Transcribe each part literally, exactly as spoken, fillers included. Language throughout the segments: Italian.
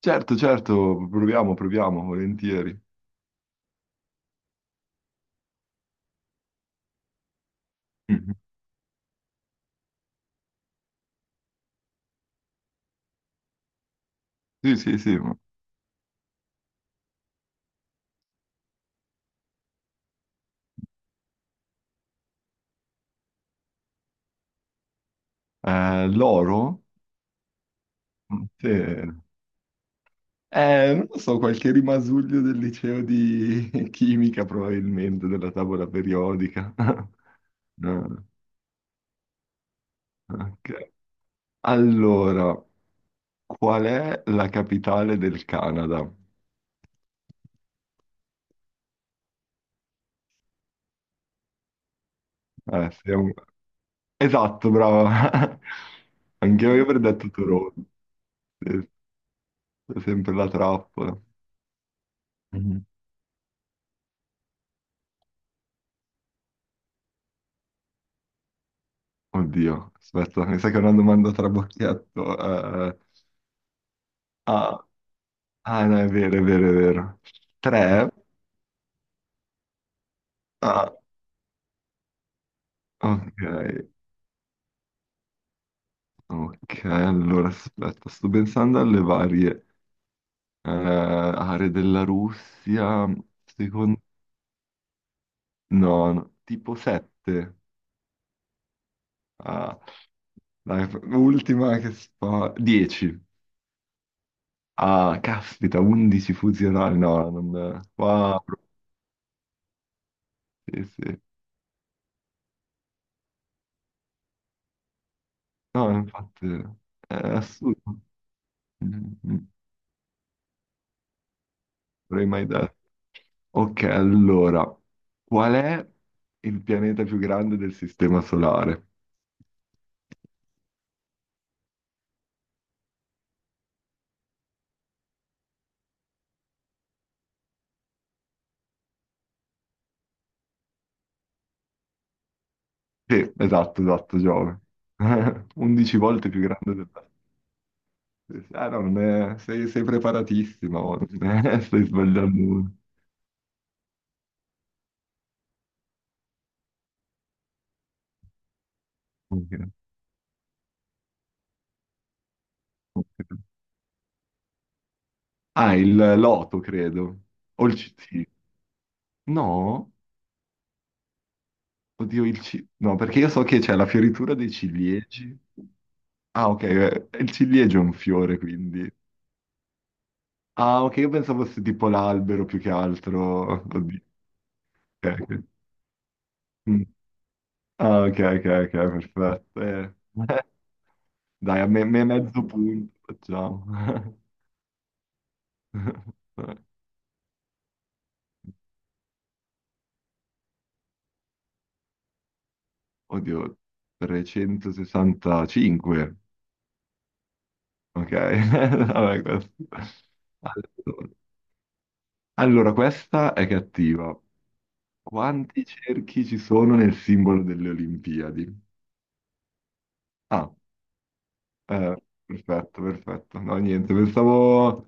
Certo, certo, proviamo, proviamo, volentieri. Mhm. Sì, sì, sì. ma- Eh, l'oro? Mm, sì. Eh, non lo so, qualche rimasuglio del liceo di chimica, probabilmente, della tavola periodica. No, ok. Allora, qual è la capitale del Canada? Eh, siamo- Esatto, brava. Anche io avrei detto Toronto. Sì, è sempre la trappola. Mhm. Oddio, aspetta, mi sa che è una domanda trabocchetto. eh, eh, ah, ah, no, è vero, è vero, è vero. Tre? Ah, ok, ok, allora aspetta, sto pensando alle varie eh, aree della Russia. Secondo... No, no, tipo sette. Ah, dai, ultima che sto... Dieci. Ah, caspita, undici fusionali. No, non... Wow, sì, sì. No, infatti... È assurdo. Non avrei mai detto. Ok, allora, qual è il pianeta più grande del sistema solare? Sì, esatto, esatto, Giove. undici volte più grande del Terra. Sì, sì. Ah, no, non è- sei, sei preparatissima, oh, non è- stai sbagliando uno. Ok, ok. Ah, il loto, credo. O il ci- sì. No? Oddio, il ci... No, perché io so che c'è la fioritura dei ciliegi. Ah, ok, eh, il ciliegio è un fiore, quindi... Ah, ok, io pensavo fosse tipo l'albero più che altro. Oddio. Ok, ok. Mm. Ah, ok, ok, ok, perfetto. Eh, Dai, a me, me mezzo punto facciamo. Oddio, trecentosessantacinque. Ok, vabbè, questo. Allora, allora, questa è cattiva. Quanti cerchi ci sono nel simbolo delle Olimpiadi? A. Eh, Perfetto, perfetto. No, niente, pensavo...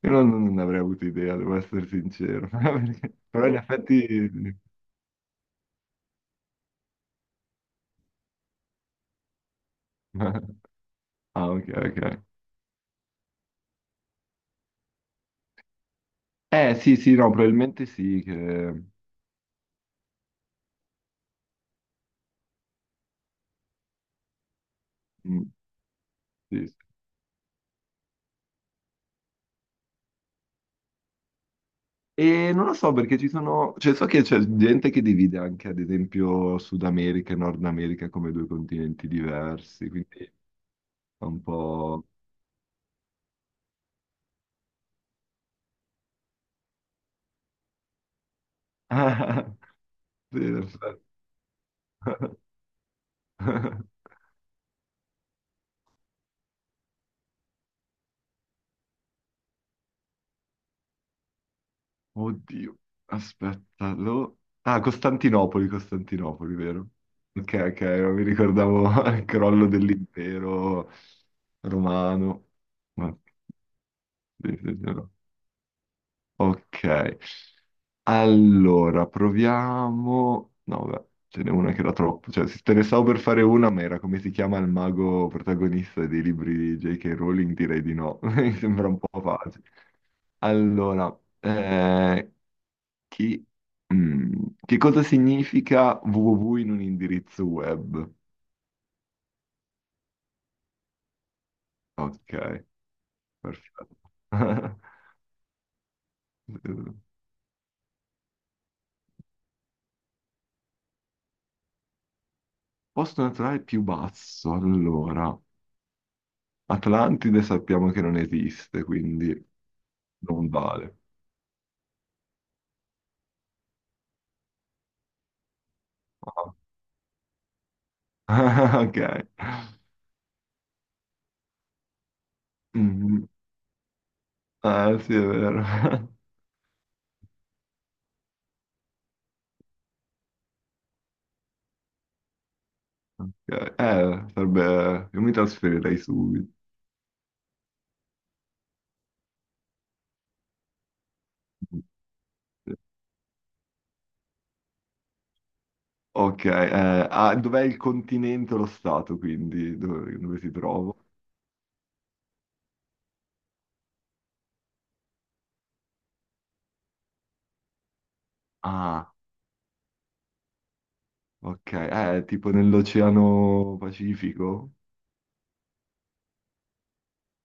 Io non, non ne avrei avuto idea, devo essere sincero. Perché- Però in effetti... Ah, ok, ok. Eh, sì, sì, no, probabilmente sì. che- mm, sì, sì. E non lo so perché ci sono... Cioè, so che c'è gente che divide anche, ad esempio, Sud America e Nord America come due continenti diversi, quindi è un po'... Sì, perfetto. Oddio, aspetta, lo... Ah, Costantinopoli, Costantinopoli, vero? Ok, ok, non mi ricordavo il crollo dell'impero romano. Ma- sì, sì, sì, no. Ok, allora proviamo... No, vabbè, ce n'è una che era troppo. Cioè, se te ne stavo per fare una, ma era come si chiama il mago protagonista dei libri di J K. Rowling? Direi di no, mi sembra un po' facile. Allora, eh, chi- mm, che cosa significa www in un indirizzo web? Ok, perfetto. Eh, Posto naturale più basso, allora. Atlantide sappiamo che non esiste, quindi non vale. Ah. Ok. Mm, eh, sì, è vero. Ok, Eh, sarebbe... Io mi trasferirei subito. Ok, eh, ah, dov'è il continente o lo stato, quindi? Dove, dove si trova? Ah, ok, eh, tipo nell'Oceano Pacifico.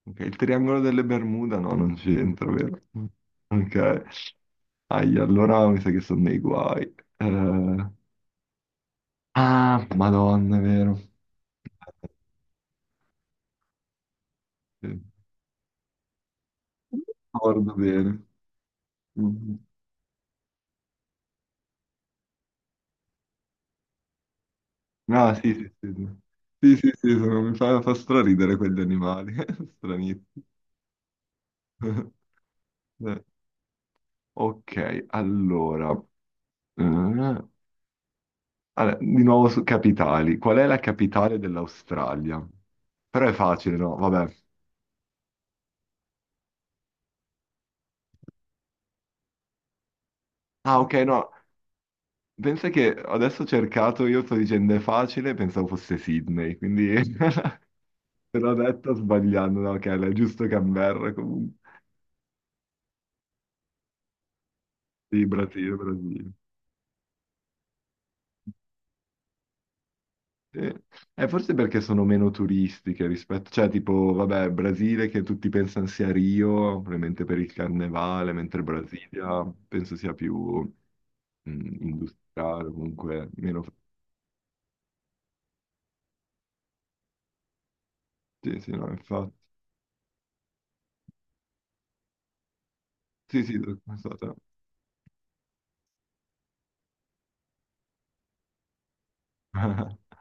Ok, il triangolo delle Bermuda no, non c'entra, vero? Ok, ahi, allora mi sa che sono nei guai. Eh, Ah, Madonna, è vero. Eh, Sì. Ricordo bene. Mhm. Ah, sì, sì, sì. Sì, sì, sì, sì, sono- mi fa, fa straridere quegli animali. Stranissimi. Eh, Ok, allora. eh, Allora, di nuovo su capitali. Qual è la capitale dell'Australia? Però è facile, no? Vabbè. Ah, ok, no. Pensa che adesso ho cercato, io sto dicendo è facile, pensavo fosse Sydney, quindi te l'ho detto sbagliando, no? Ok, è giusto Canberra comunque. Sì, Brasile, Brasile. Sì. Eh, forse perché sono meno turistiche rispetto, cioè tipo, vabbè, Brasile che tutti pensano sia Rio, probabilmente per il carnevale, mentre Brasilia penso sia più... mh, industriale, comunque meno... Sì, sì, no, infatti. Sì, sì, sono stata...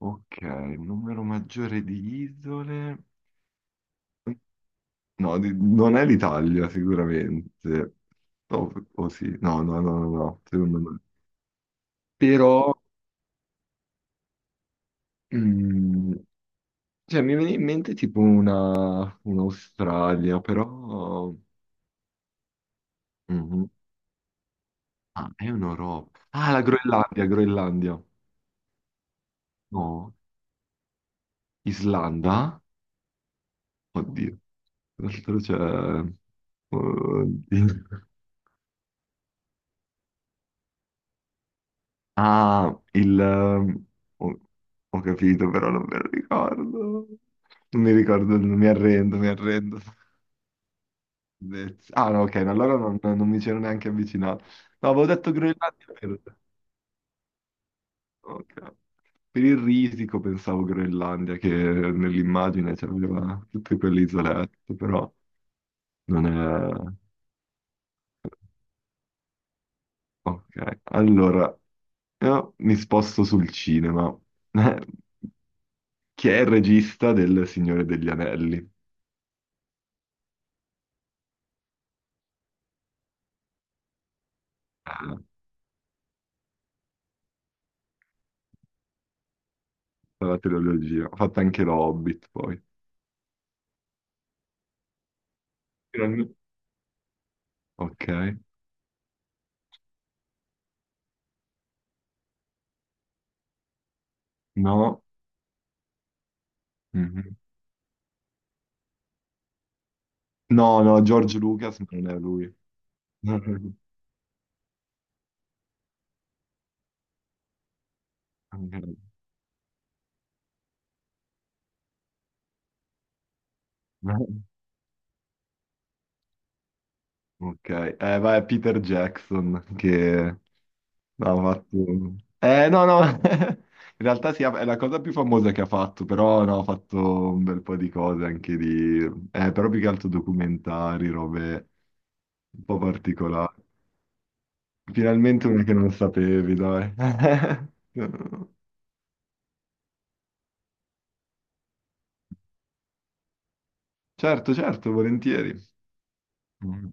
Ok, un numero maggiore di isole... No, di- non è l'Italia sicuramente. No, o sì, no, no, no, no, no, secondo me. Però, mm, cioè, mi viene in mente tipo una, un'Australia, però... Mhm. Ah, è un'Europa. Ah, la Groenlandia, Groenlandia. No, Islanda? Oddio. Tra l'altro c'è... Oddio. Ah, il... ehm, Ho, ho capito, però non me lo ricordo. Non mi ricordo, il- mi arrendo, mi arrendo. Bellezza. Ah, no, ok, no, allora non, non mi c'ero neanche avvicinato. No, avevo detto Groenlandia per... ok. Per il risico pensavo Groenlandia, che nell'immagine c'aveva tutte quelle isolette, però non è... Ok, allora, io mi sposto sul cinema. Chi è il regista del Signore degli Anelli? Ah, la trilogia. Ho fatto anche lo Hobbit poi. Gran- Ok. No. Mhm. No, no, George Lucas, ma non è lui. Ok. Eh, vai, Peter Jackson, che ha fatto... Eh, no, no. In realtà sì, è la cosa più famosa che ha fatto, però no, ha fatto un bel po' di cose anche di... Eh, però più che altro documentari, robe un po' particolari. Finalmente una che non sapevi, dai. Certo, certo, volentieri. Mm.